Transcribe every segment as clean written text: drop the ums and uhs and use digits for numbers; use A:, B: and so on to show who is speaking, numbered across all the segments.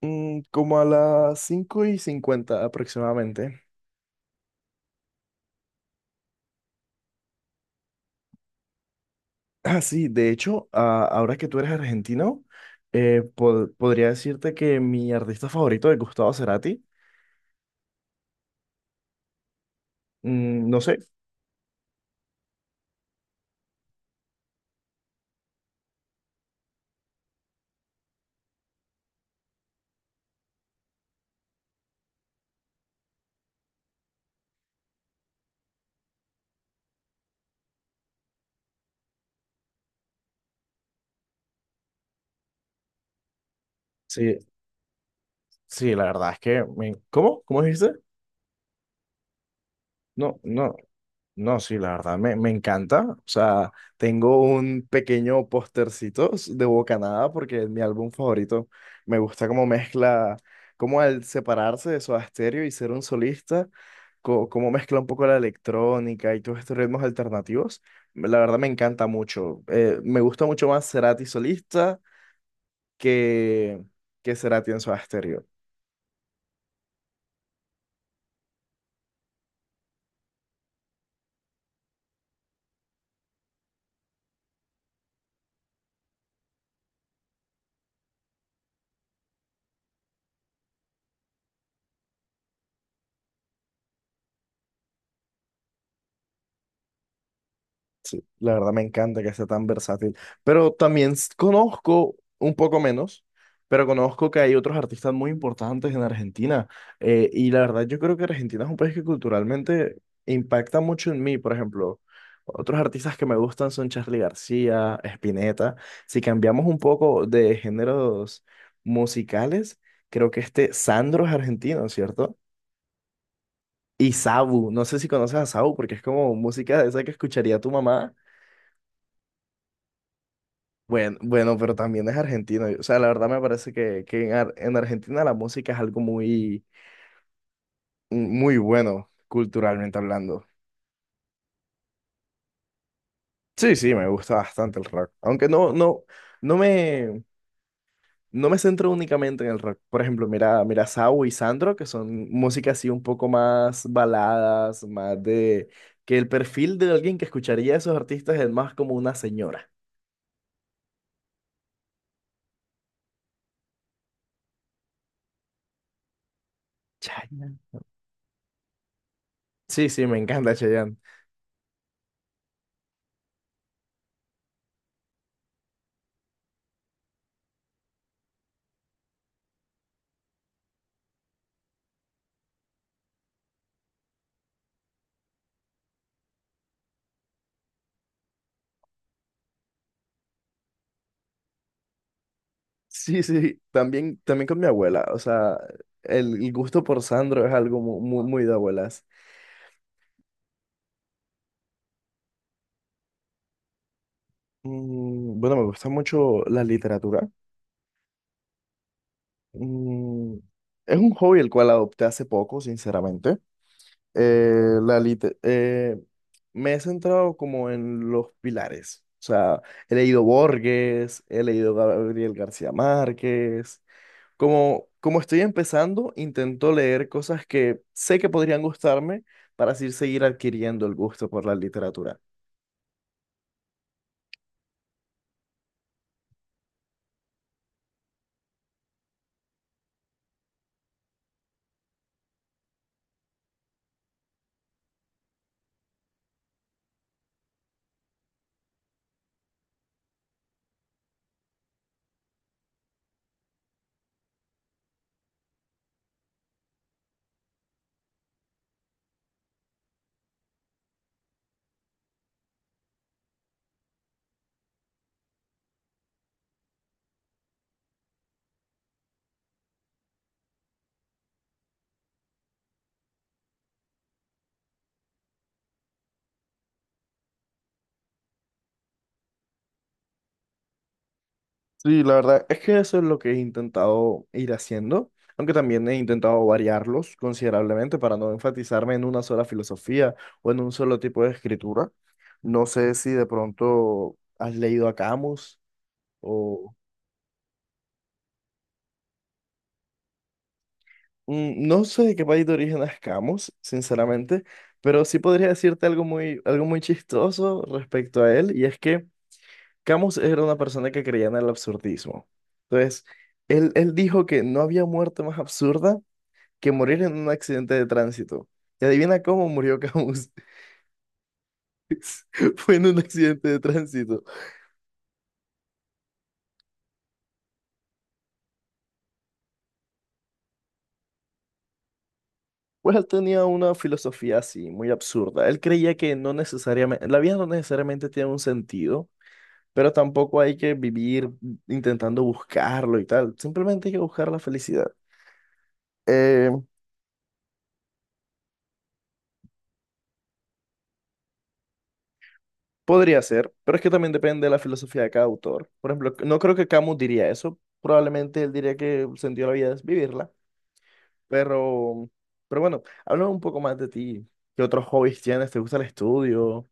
A: Como a las 5 y 50 aproximadamente. Ah, sí, de hecho, ahora que tú eres argentino, podría decirte que mi artista favorito es Gustavo Cerati. Mm, no sé, sí, sí, la verdad es que ¿Cómo? ¿Cómo dijiste? No, no, no, sí, la verdad, me encanta. O sea, tengo un pequeño postercito de Bocanada porque es mi álbum favorito. Me gusta cómo mezcla, cómo al separarse de Soda Stereo y ser un solista, cómo mezcla un poco la electrónica y todos estos ritmos alternativos. La verdad, me encanta mucho. Me gusta mucho más Cerati solista que, que Cerati en Soda Stereo. La verdad me encanta que sea tan versátil. Pero también conozco un poco menos, pero conozco que hay otros artistas muy importantes en Argentina. Y la verdad yo creo que Argentina es un país que culturalmente impacta mucho en mí. Por ejemplo, otros artistas que me gustan son Charly García, Spinetta. Si cambiamos un poco de géneros musicales, creo que este Sandro es argentino, ¿cierto? Y Sabu, no sé si conoces a Sabu porque es como música de esa que escucharía tu mamá. Bueno, pero también es argentino. O sea, la verdad me parece que, que en Argentina la música es algo muy, muy bueno, culturalmente hablando. Sí, sí, me gusta bastante el rock. Aunque no me, no me centro únicamente en el rock. Por ejemplo, mira Sau y Sandro, que son música así un poco más baladas, más de que el perfil de alguien que escucharía a esos artistas es más como una señora. Chayanne. Sí, sí, me encanta Chayanne. Sí, sí, también, también con mi abuela. O sea, el gusto por Sandro es algo muy, de abuelas. Bueno, me gusta mucho la literatura. Mm, es un hobby el cual adopté hace poco, sinceramente. Eh, la lite- eh, Me he centrado como en los pilares. O sea, he leído Borges, he leído Gabriel García Márquez. Como estoy empezando, intento leer cosas que sé que podrían gustarme para así seguir adquiriendo el gusto por la literatura. Sí, la verdad es que eso es lo que he intentado ir haciendo, aunque también he intentado variarlos considerablemente para no enfatizarme en una sola filosofía o en un solo tipo de escritura. No sé si de pronto has leído a Camus o... No sé de qué país de origen es Camus, sinceramente, pero sí podría decirte algo muy chistoso respecto a él, y es que Camus era una persona que creía en el absurdismo. Entonces, él dijo que no había muerte más absurda que morir en un accidente de tránsito. Y adivina cómo murió Camus. Fue en un accidente de tránsito. Pues él tenía una filosofía así, muy absurda. Él creía que no necesariamente, la vida no necesariamente tiene un sentido, pero tampoco hay que vivir intentando buscarlo y tal. Simplemente hay que buscar la felicidad. Eh, Podría ser, pero es que también depende de la filosofía de cada autor. Por ejemplo, no creo que Camus diría eso. Probablemente él diría que el sentido de la vida es vivirla. Pero, pero bueno, háblame un poco más de ti. ¿Qué otros hobbies tienes? ¿Te gusta el estudio?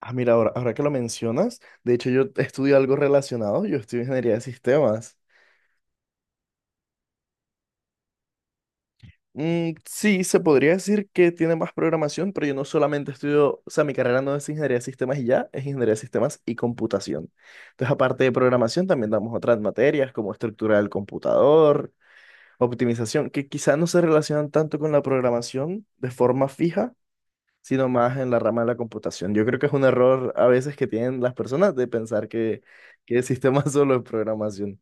A: Ah, mira, ahora, ahora que lo mencionas, de hecho yo estudio algo relacionado. Yo estudio ingeniería de sistemas. Sí, se podría decir que tiene más programación, pero yo no solamente estudio, o sea, mi carrera no es ingeniería de sistemas y ya, es ingeniería de sistemas y computación. Entonces, aparte de programación, también damos otras materias como estructura del computador, optimización, que quizás no se relacionan tanto con la programación de forma fija, sino más en la rama de la computación. Yo creo que es un error a veces que tienen las personas de pensar que el sistema solo es programación.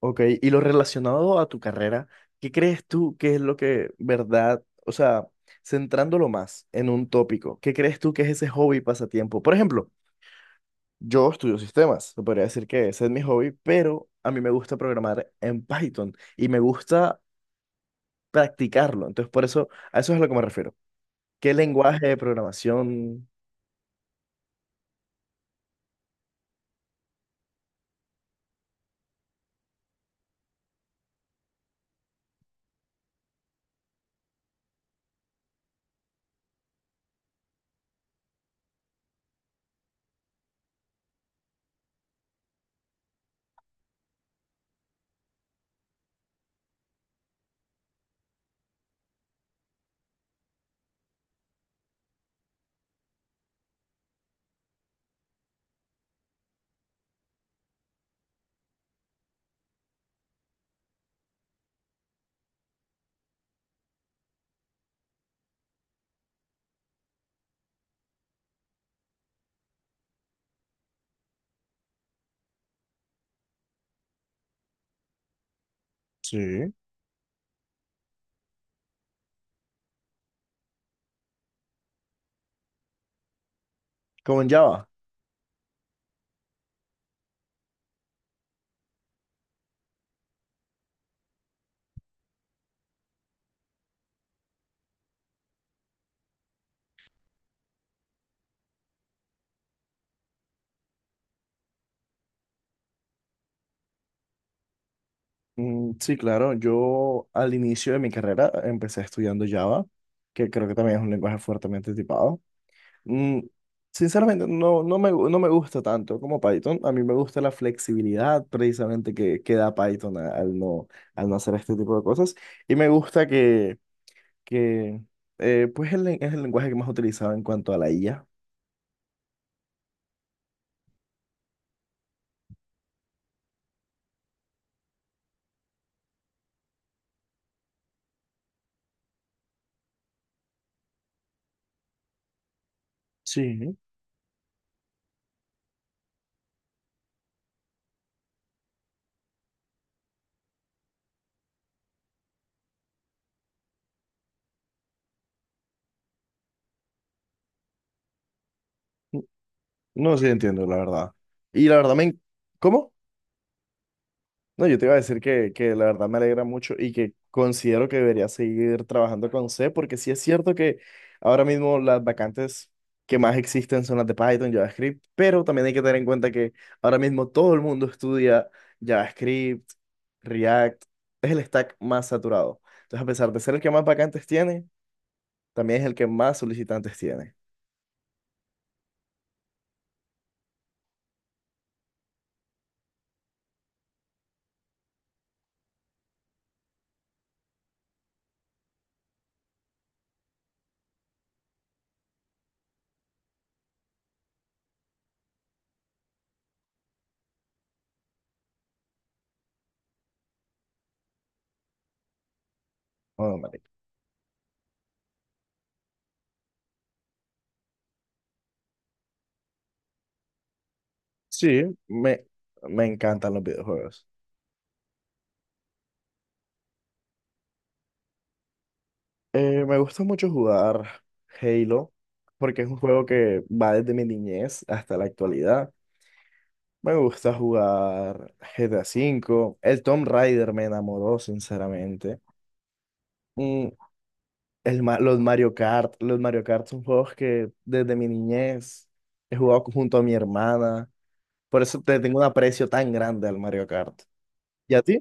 A: Ok, y lo relacionado a tu carrera, ¿qué crees tú que es lo que, verdad, o sea, centrándolo más en un tópico, ¿qué crees tú que es ese hobby pasatiempo? Por ejemplo, yo estudio sistemas, se podría decir que ese es mi hobby, pero a mí me gusta programar en Python y me gusta practicarlo, entonces por eso, a eso es a lo que me refiero. ¿Qué lenguaje de programación? Sí. ¿Como en Java? Sí, claro, yo al inicio de mi carrera empecé estudiando Java, que creo que también es un lenguaje fuertemente tipado. Mm, Sinceramente, no me gusta tanto como Python. A mí me gusta la flexibilidad precisamente que da Python al no hacer este tipo de cosas. Y me gusta que, que pues es el lenguaje que más utilizado en cuanto a la IA. Sí. No, sí entiendo, la verdad. Y la verdad, ¿Cómo? No, yo te iba a decir que la verdad me alegra mucho y que considero que debería seguir trabajando con C, porque sí es cierto que ahora mismo las vacantes que más existen son las de Python, JavaScript, pero también hay que tener en cuenta que ahora mismo todo el mundo estudia JavaScript, React, es el stack más saturado. Entonces, a pesar de ser el que más vacantes tiene, también es el que más solicitantes tiene. Oh, marica. Sí, me, me encantan los videojuegos. Me gusta mucho jugar Halo porque es un juego que va desde mi niñez hasta la actualidad. Me gusta jugar GTA V. El Tomb Raider me enamoró, sinceramente. Mm, los Mario Kart. Los Mario Kart son juegos que desde mi niñez he jugado junto a mi hermana. Por eso te tengo un aprecio tan grande al Mario Kart. ¿Y a ti?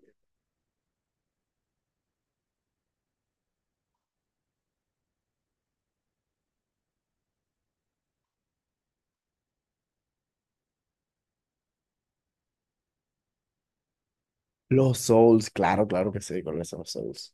A: Los Souls, claro, claro que sí, con los Souls.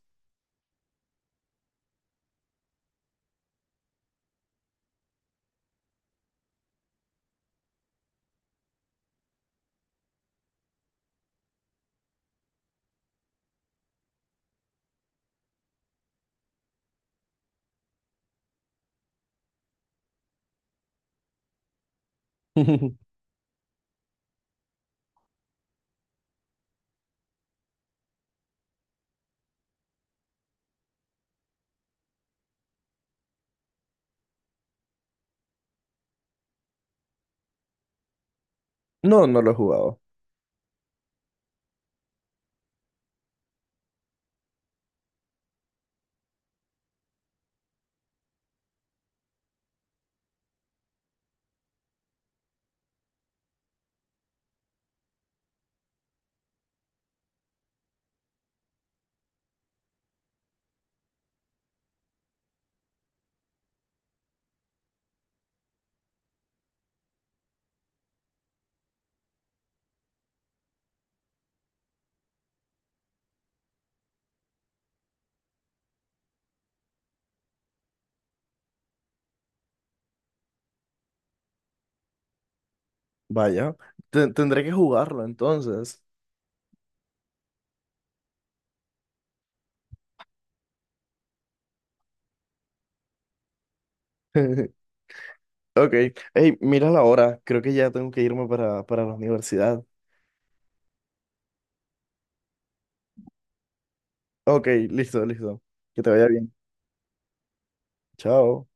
A: No, no lo he jugado. Vaya, tendré que jugarlo entonces. Ok, hey, mira la hora, creo que ya tengo que irme para la universidad. Ok, listo, listo. Que te vaya bien. Chao.